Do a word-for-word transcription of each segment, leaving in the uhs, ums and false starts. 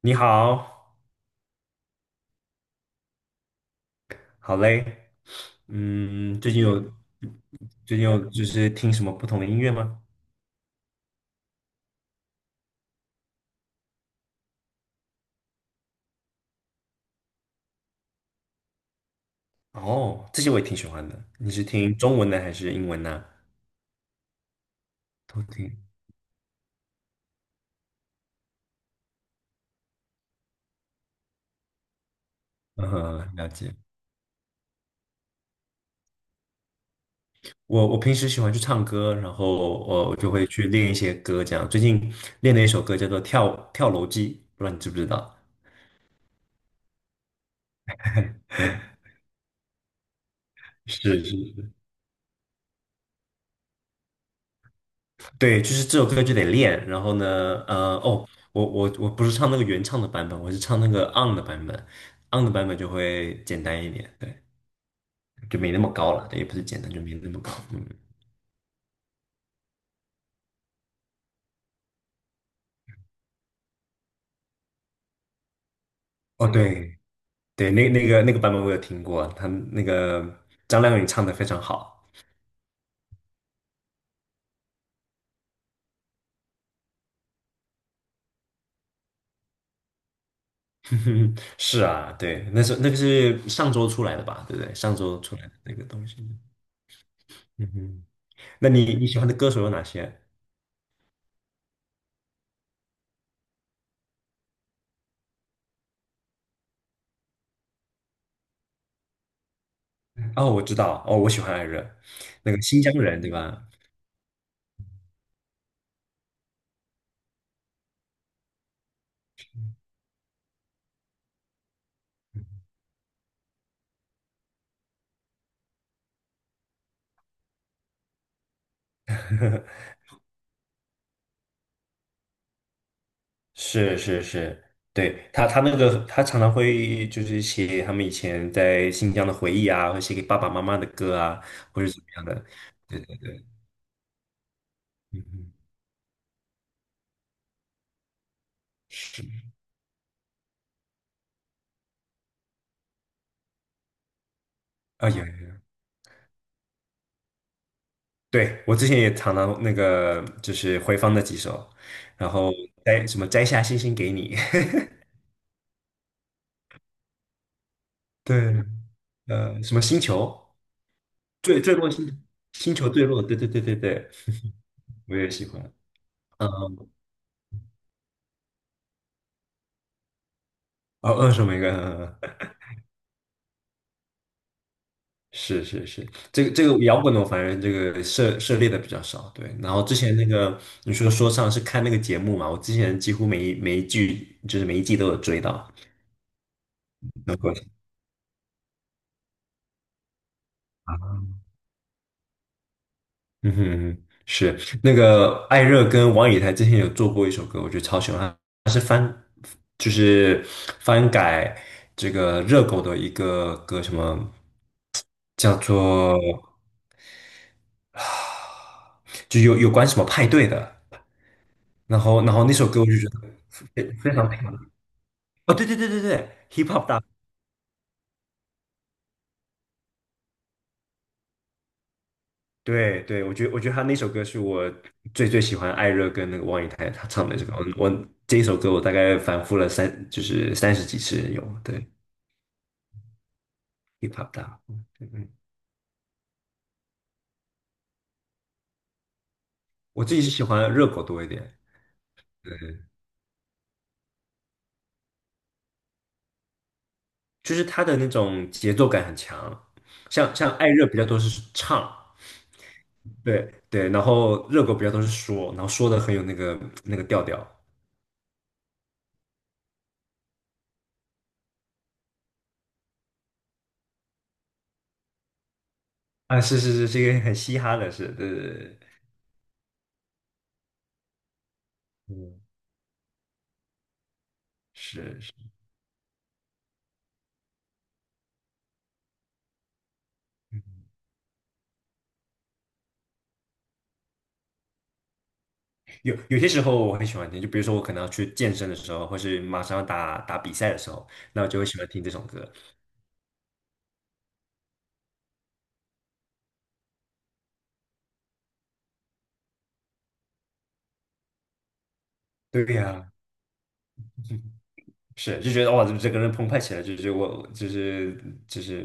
你好，好嘞。嗯，最近有最近有就是听什么不同的音乐吗？哦，这些我也挺喜欢的。你是听中文的还是英文呢？都听。嗯，了解。我我平时喜欢去唱歌，然后我我就会去练一些歌，这样。最近练了一首歌叫做《跳跳楼机》，不知道你知不知道？是是，对，就是这首歌就得练。然后呢，呃，哦，我我我不是唱那个原唱的版本，我是唱那个 on 的版本，on 的版本就会简单一点，对，就没那么高了，对，也不是简单，就没那么高。嗯，哦，对对，那那个那个版本我有听过，他那个张靓颖唱的非常好。是啊，对，那是那个是上周出来的吧，对不对？上周出来的那个东西。嗯哼，那你你喜欢的歌手有哪些？哦，我知道，哦，我喜欢艾热，那个新疆人，对吧？是是是，对，他他那个他常常会就是写他们以前在新疆的回忆啊，会写给爸爸妈妈的歌啊，或者怎么样的。对对对，嗯嗯，是，啊有，有对，我之前也常常那个就是回放那几首，然后摘什么摘下星星给你，对，呃，什么星球坠坠落星星球坠落，对对对对对，我也喜欢。嗯哦，二手玫瑰，嗯嗯嗯是是是，这个这个摇滚的我反正这个涉涉猎的比较少，对。然后之前那个你说说唱是看那个节目嘛，我之前几乎每一每一季就是每一季都有追到。能够嗯哼嗯哼，是那个艾热跟王以太之前有做过一首歌，我觉得超喜欢，就是翻改这个热狗的一个歌，什么叫做啊就有有关什么派对的，然后然后那首歌我就觉得非非常。哦，对对对对对，hip hop 大，对对，我觉得我觉得他那首歌是我最最喜欢艾热跟那个王以太他唱的这个，我我这一首歌我大概反复了三就是三十几次有，对，hip hop 大，嗯嗯，我自己是喜欢热狗多一点，对，就是他的那种节奏感很强，像像艾热比较多是唱，对对，然后热狗比较多是说，然后说的很有那个那个调调，啊，是是是，是一个很嘻哈的，是，对对对，嗯，是。有有些时候我很喜欢听，就比如说我可能要去健身的时候，或是马上要打打比赛的时候，那我就会喜欢听这种歌。对呀，是就觉得哇，这整个人澎湃起来，就是我就是就是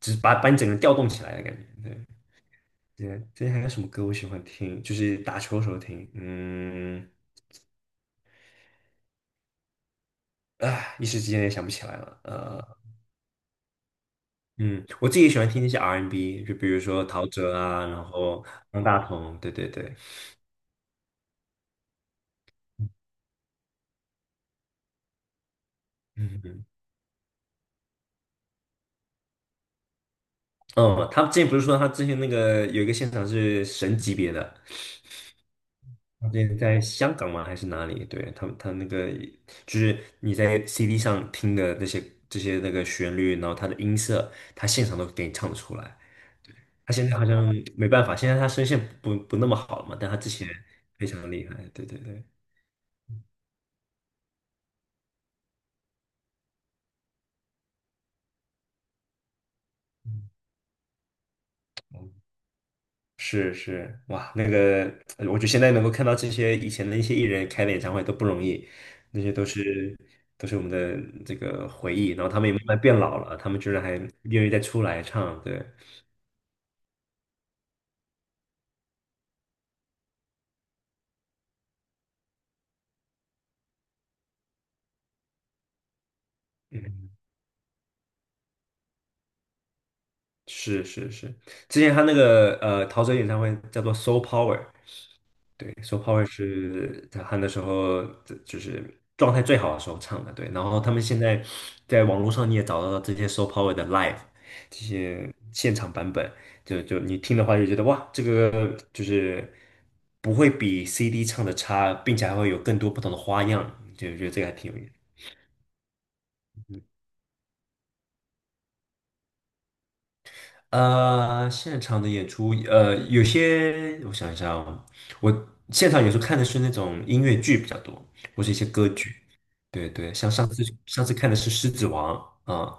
就是把把你整个人调动起来的感觉。对，之前之前还有什么歌我喜欢听？就是打球的时候听，嗯，啊，一时之间也想不起来了。呃，嗯，我自己也喜欢听那些 R 和 B,就比如说陶喆啊，然后方大同，对对对，嗯。嗯嗯，他之前不是说他之前那个有一个现场是神级别的，他之前在香港嘛还是哪里？对，他他那个就是你在 C D 上听的那些这些那个旋律，然后他的音色，他现场都给你唱出来。他现在好像没办法，现在他声线不不那么好了嘛，但他之前非常厉害。对对对，嗯是是，哇，那个，呃我觉得现在能够看到这些以前的一些艺人开的演唱会都不容易，那些都是都是我们的这个回忆，然后他们也慢慢变老了，他们居然还愿意再出来唱，对，嗯，是是是，之前他那个呃陶喆演唱会叫做《Soul Power》,对 s o Power 是在他的时候这就是状态最好的时候唱的，对。然后他们现在在网络上你也找到了这些 s o Power 的 live 这些现场版本，就就你听的话就觉得哇，这个就是不会比 C D 唱的差，并且还会有更多不同的花样，就觉得这个还挺有意思。呃，现场的演出，呃，有些我想一下哦，我现场有时候看的是那种音乐剧比较多，或是一些歌剧。对对，像上次上次看的是《狮子王》啊，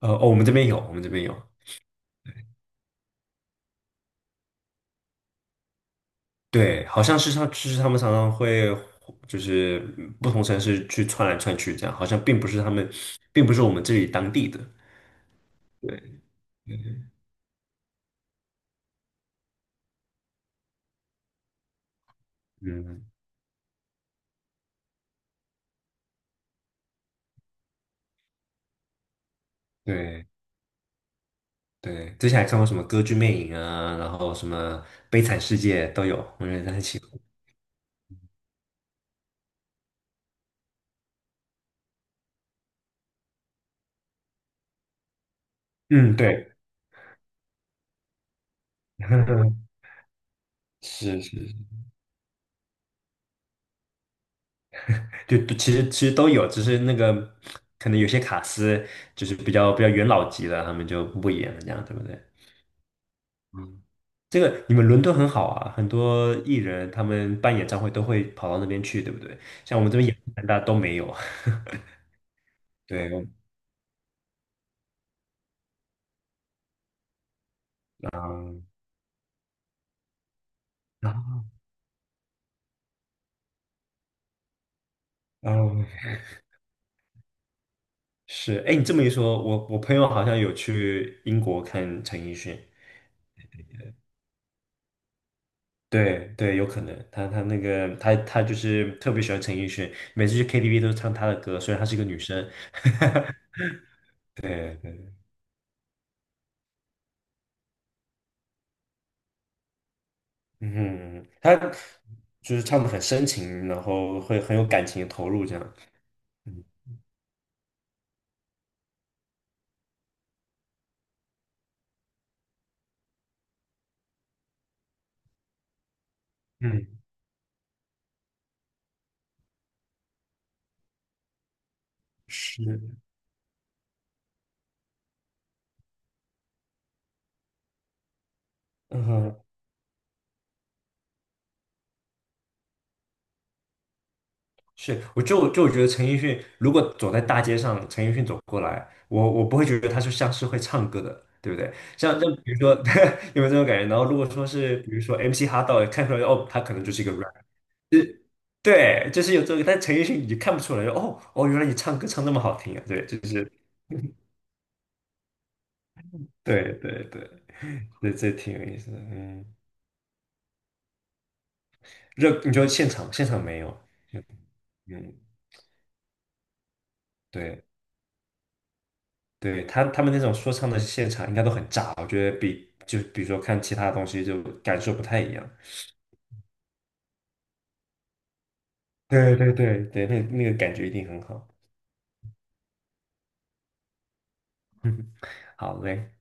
呃哦，我们这边有，我们这边有。对，好像是像就是他们常常会就是不同城市去串来串去这样，好像并不是他们，并不是我们这里当地的。对，嗯，对。对，之前还看过什么《歌剧魅影》啊，然后什么《悲惨世界》都有，我觉得很喜欢。嗯，对，是是，是就其实其实都有，只是那个可能有些卡司就是比较比较元老级的，他们就不演了，这样对不对？嗯，这个你们伦敦很好啊，很多艺人他们办演唱会都会跑到那边去，对不对？像我们这边亚特兰大都没有。对，我嗯，啊，嗯是，哎，你这么一说，我我朋友好像有去英国看陈奕迅，对对，有可能，他他那个他他就是特别喜欢陈奕迅，每次去 K T V 都唱他的歌，虽然她是一个女生，哈哈，对对，嗯，他就是唱的很深情，然后会很有感情的投入这样，嗯嗯，是，嗯。是，我就就觉得陈奕迅如果走在大街上，陈奕迅走过来，我我不会觉得他是像是会唱歌的，对不对？像像比如说 有没有这种感觉？然后如果说是比如说 M C 哈道，看出来哦，他可能就是一个 rap,就是对，就是有这个，但陈奕迅你就看不出来，哦哦，原来你唱歌唱那么好听啊，对，就是对对对，这这挺有意思的，嗯，热，你说现场现场没有，嗯，对。对他他们那种说唱的现场应该都很炸，我觉得比就比如说看其他东西就感受不太一样。对对对对，那那个感觉一定很好。嗯，好嘞，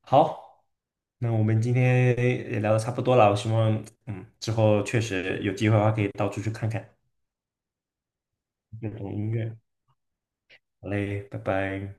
好，那我们今天也聊的差不多了，我希望嗯之后确实有机会的话可以到处去看看，各种音乐。好嘞，拜拜。